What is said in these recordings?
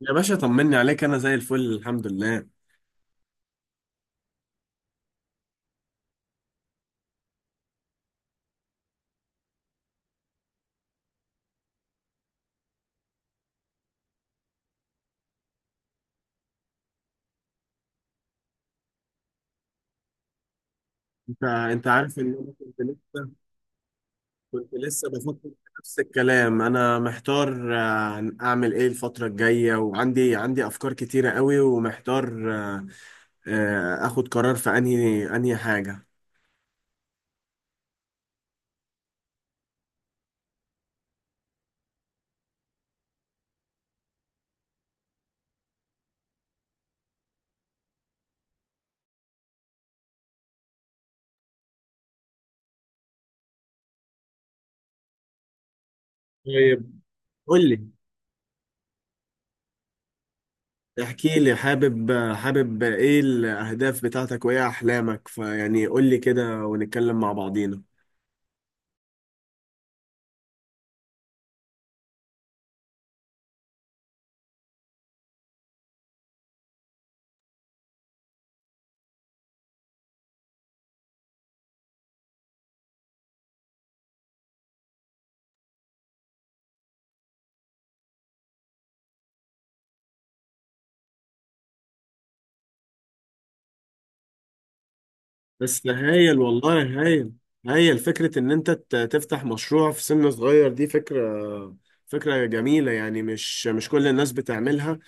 يا باشا طمني عليك، انا زي الفل الحمد لله. انت عارف ان انا كنت لسه كنت لسه بفكر في نفس الكلام. انا محتار، اعمل ايه الفترة الجاية؟ وعندي عندي افكار كتيرة قوي ومحتار، اخد قرار في انهي حاجة. طيب، قول لي، احكي لي. حابب ايه الاهداف بتاعتك وايه احلامك؟ فيعني قول لي كده ونتكلم مع بعضينا. بس هايل، والله هايل. هايل فكرة إن أنت تفتح مشروع في سن صغير. دي فكرة، فكرة جميلة، يعني مش كل الناس بتعملها.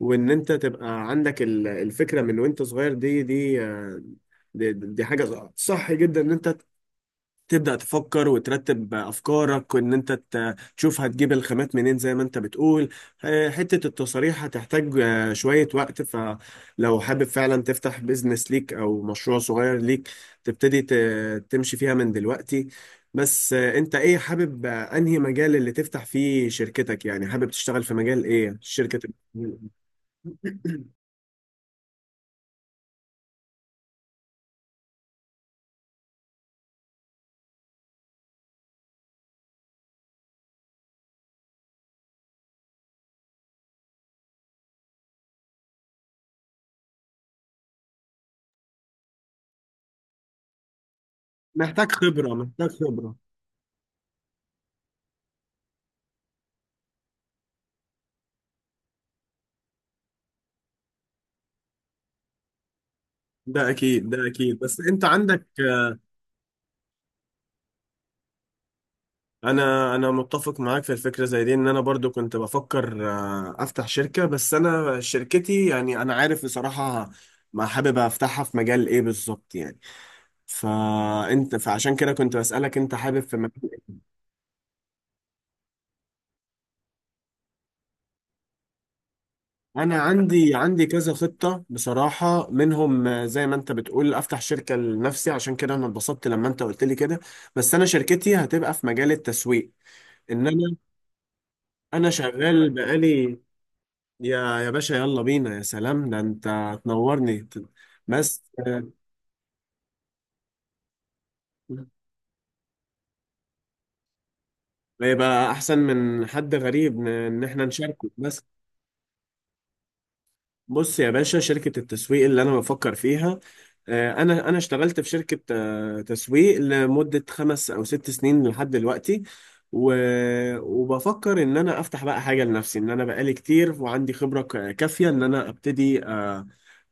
وإن أنت تبقى عندك الفكرة من وأنت صغير، دي حاجة صح جدا. إن أنت تبدأ تفكر وترتب أفكارك، وإن أنت تشوف هتجيب الخامات منين زي ما أنت بتقول. حتة التصاريح هتحتاج شوية وقت، فلو حابب فعلا تفتح بيزنس ليك أو مشروع صغير ليك، تبتدي تمشي فيها من دلوقتي. بس أنت إيه حابب؟ أنهي مجال اللي تفتح فيه شركتك؟ يعني حابب تشتغل في مجال إيه الشركة تبقى؟ محتاج خبرة، محتاج خبرة. ده أكيد، ده أكيد، بس أنت عندك. انا متفق معاك في الفكره زي دي. ان انا برضو كنت بفكر، افتح شركه، بس انا شركتي، يعني انا عارف بصراحه ما حابب افتحها في مجال ايه بالظبط، يعني فانت، فعشان كده كنت بسالك انت حابب في مجال إيه؟ انا عندي، عندي كذا خطه بصراحه. منهم، زي ما انت بتقول، افتح شركه لنفسي. عشان كده انا اتبسطت لما انت قلت لي كده. بس انا شركتي هتبقى في مجال التسويق. ان انا انا شغال بقالي. يا يا باشا، يلا بينا، يا سلام ده انت تنورني. بس يبقى احسن من حد غريب ان احنا نشاركه بس. بص يا باشا، شركة التسويق اللي أنا بفكر فيها، أنا أنا اشتغلت في شركة، تسويق لمدة خمس أو ست سنين لحد دلوقتي. و... وبفكر إن أنا أفتح بقى حاجة لنفسي، إن أنا بقالي كتير وعندي خبرة كافية إن أنا أبتدي، آه،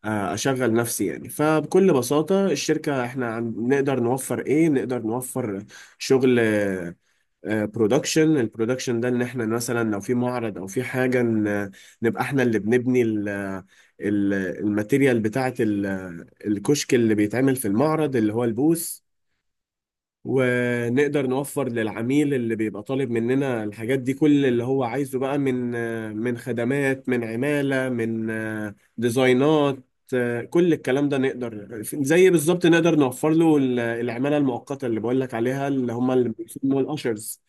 آه، أشغل نفسي يعني. فبكل بساطة الشركة إحنا نقدر نوفر إيه؟ نقدر نوفر شغل برودكشن. البرودكشن ده ان احنا مثلا لو في معرض او في حاجه، نبقى احنا اللي بنبني الماتيريال بتاعه، الكشك اللي بيتعمل في المعرض اللي هو البوث. ونقدر نوفر للعميل اللي بيبقى طالب مننا الحاجات دي كل اللي هو عايزه بقى، من من خدمات، من عمالة، من ديزاينات، كل الكلام ده نقدر زي بالظبط نقدر نوفر له العمالة المؤقتة اللي بقول لك عليها، اللي هم اللي بيسموا الأشرز.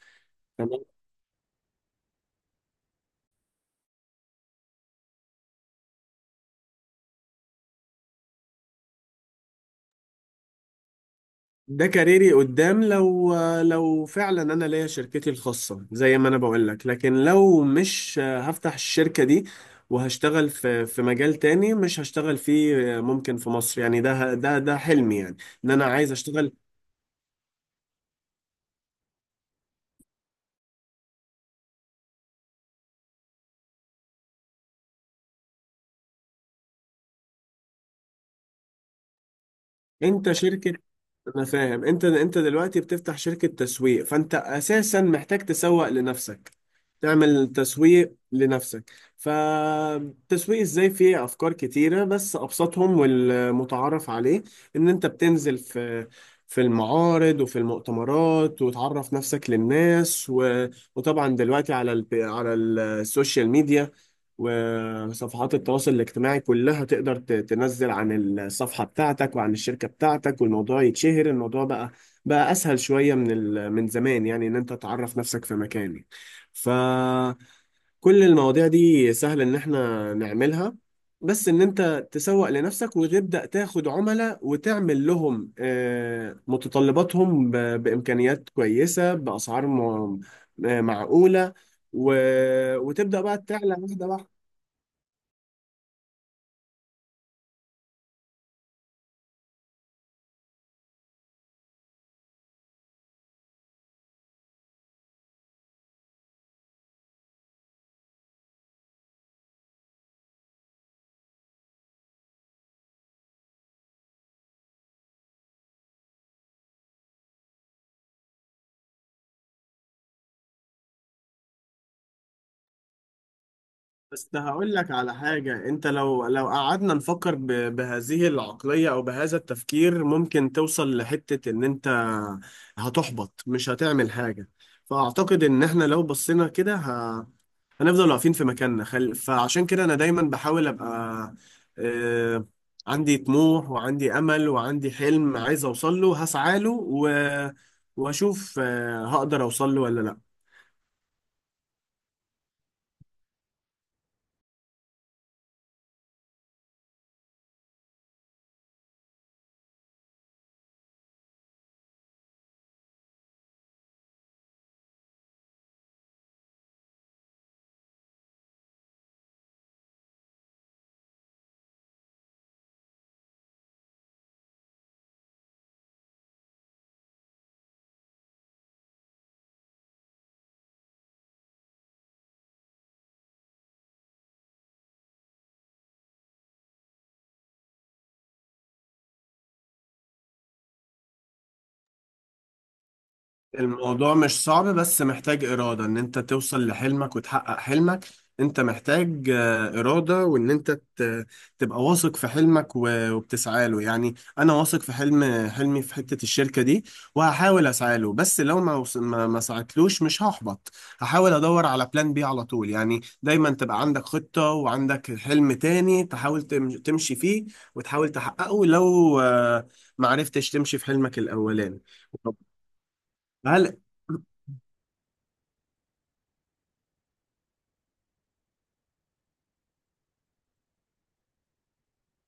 ده كاريري قدام، لو لو فعلا انا ليا شركتي الخاصه زي ما انا بقول لك. لكن لو مش هفتح الشركه دي وهشتغل في في مجال تاني، مش هشتغل فيه ممكن في مصر، يعني ده ده حلمي يعني، ان انا عايز اشتغل. انت شركه، انا فاهم انت دلوقتي بتفتح شركة تسويق، فانت اساسا محتاج تسوق لنفسك، تعمل تسويق لنفسك. فالتسويق ازاي؟ فيه افكار كتيرة، بس ابسطهم والمتعارف عليه ان انت بتنزل في في المعارض وفي المؤتمرات وتعرف نفسك للناس وطبعا دلوقتي على على السوشيال ميديا وصفحات التواصل الاجتماعي كلها تقدر تنزل عن الصفحة بتاعتك وعن الشركة بتاعتك والموضوع يتشهر. الموضوع بقى، بقى أسهل شوية من من زمان، يعني إن أنت تعرف نفسك في مكان. فكل المواضيع دي سهل إن إحنا نعملها. بس إن أنت تسوق لنفسك وتبدأ تاخد عملاء وتعمل لهم، متطلباتهم بإمكانيات كويسة، بأسعار م... آه، معقولة، و... وتبدأ بقى تعلى واحدة واحدة. بس ده هقول لك على حاجة، انت لو لو قعدنا نفكر بهذه العقلية او بهذا التفكير، ممكن توصل لحتة ان انت هتحبط، مش هتعمل حاجة. فاعتقد ان احنا لو بصينا كده هنفضل واقفين في مكاننا. فعشان كده انا دايما بحاول ابقى آه... عندي طموح وعندي امل وعندي حلم عايز اوصل له، هسعى له واشوف، هقدر اوصل له ولا لا. الموضوع مش صعب، بس محتاج إرادة إن أنت توصل لحلمك وتحقق حلمك. أنت محتاج، إرادة، وإن أنت تبقى واثق في حلمك وبتسعى له. يعني أنا واثق في حلم حلمي في حتة الشركة دي، وهحاول أسعى له. بس لو ما وص- ما ما سعتلوش، مش هحبط. هحاول أدور على بلان بي على طول. يعني دايما تبقى عندك خطة، وعندك حلم تاني تحاول تمشي فيه وتحاول تحققه لو ما عرفتش تمشي في حلمك الأولاني. طب، هل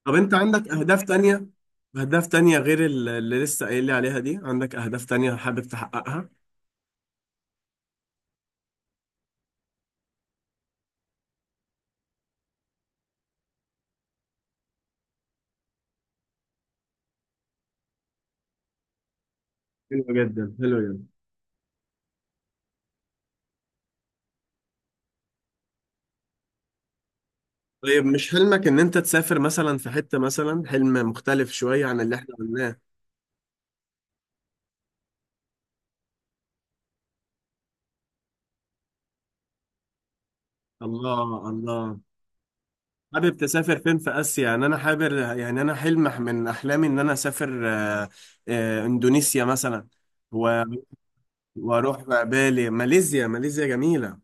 طب انت عندك اهداف تانية، اهداف تانية غير اللي لسه قايل لي عليها دي؟ عندك اهداف تانية حابب تحققها؟ حلو جدا، حلو جدا. طيب، مش حلمك ان انت تسافر مثلا في حتة، مثلا حلم مختلف شوية عن اللي احنا قلناه؟ الله الله، حابب تسافر فين في اسيا؟ يعني انا حابب، يعني انا حلم من احلامي ان انا اسافر، اندونيسيا مثلا. و- واروح بالي. ماليزيا، ماليزيا جميلة.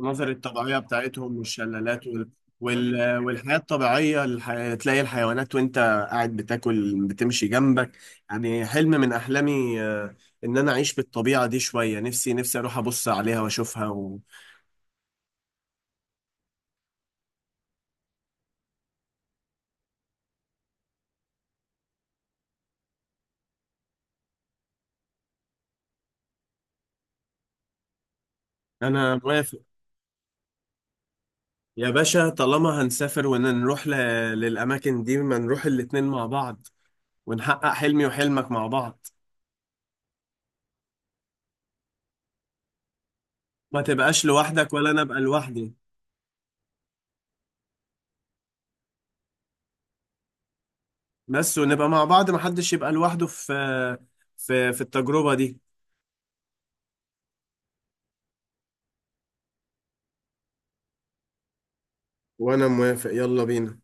المناظر الطبيعية بتاعتهم والشلالات والحياة الطبيعية. تلاقي الحيوانات وانت قاعد بتاكل بتمشي جنبك. يعني حلم من أحلامي، إن أنا أعيش بالطبيعة دي شوية. نفسي، نفسي أروح أبص عليها وأشوفها أنا موافق. يا باشا، طالما هنسافر ونروح للأماكن دي، ما نروح الاتنين مع بعض ونحقق حلمي وحلمك مع بعض. ما تبقاش لوحدك ولا أنا أبقى لوحدي. بس ونبقى مع بعض، محدش يبقى لوحده في في التجربة دي. وانا موافق، يلا بينا.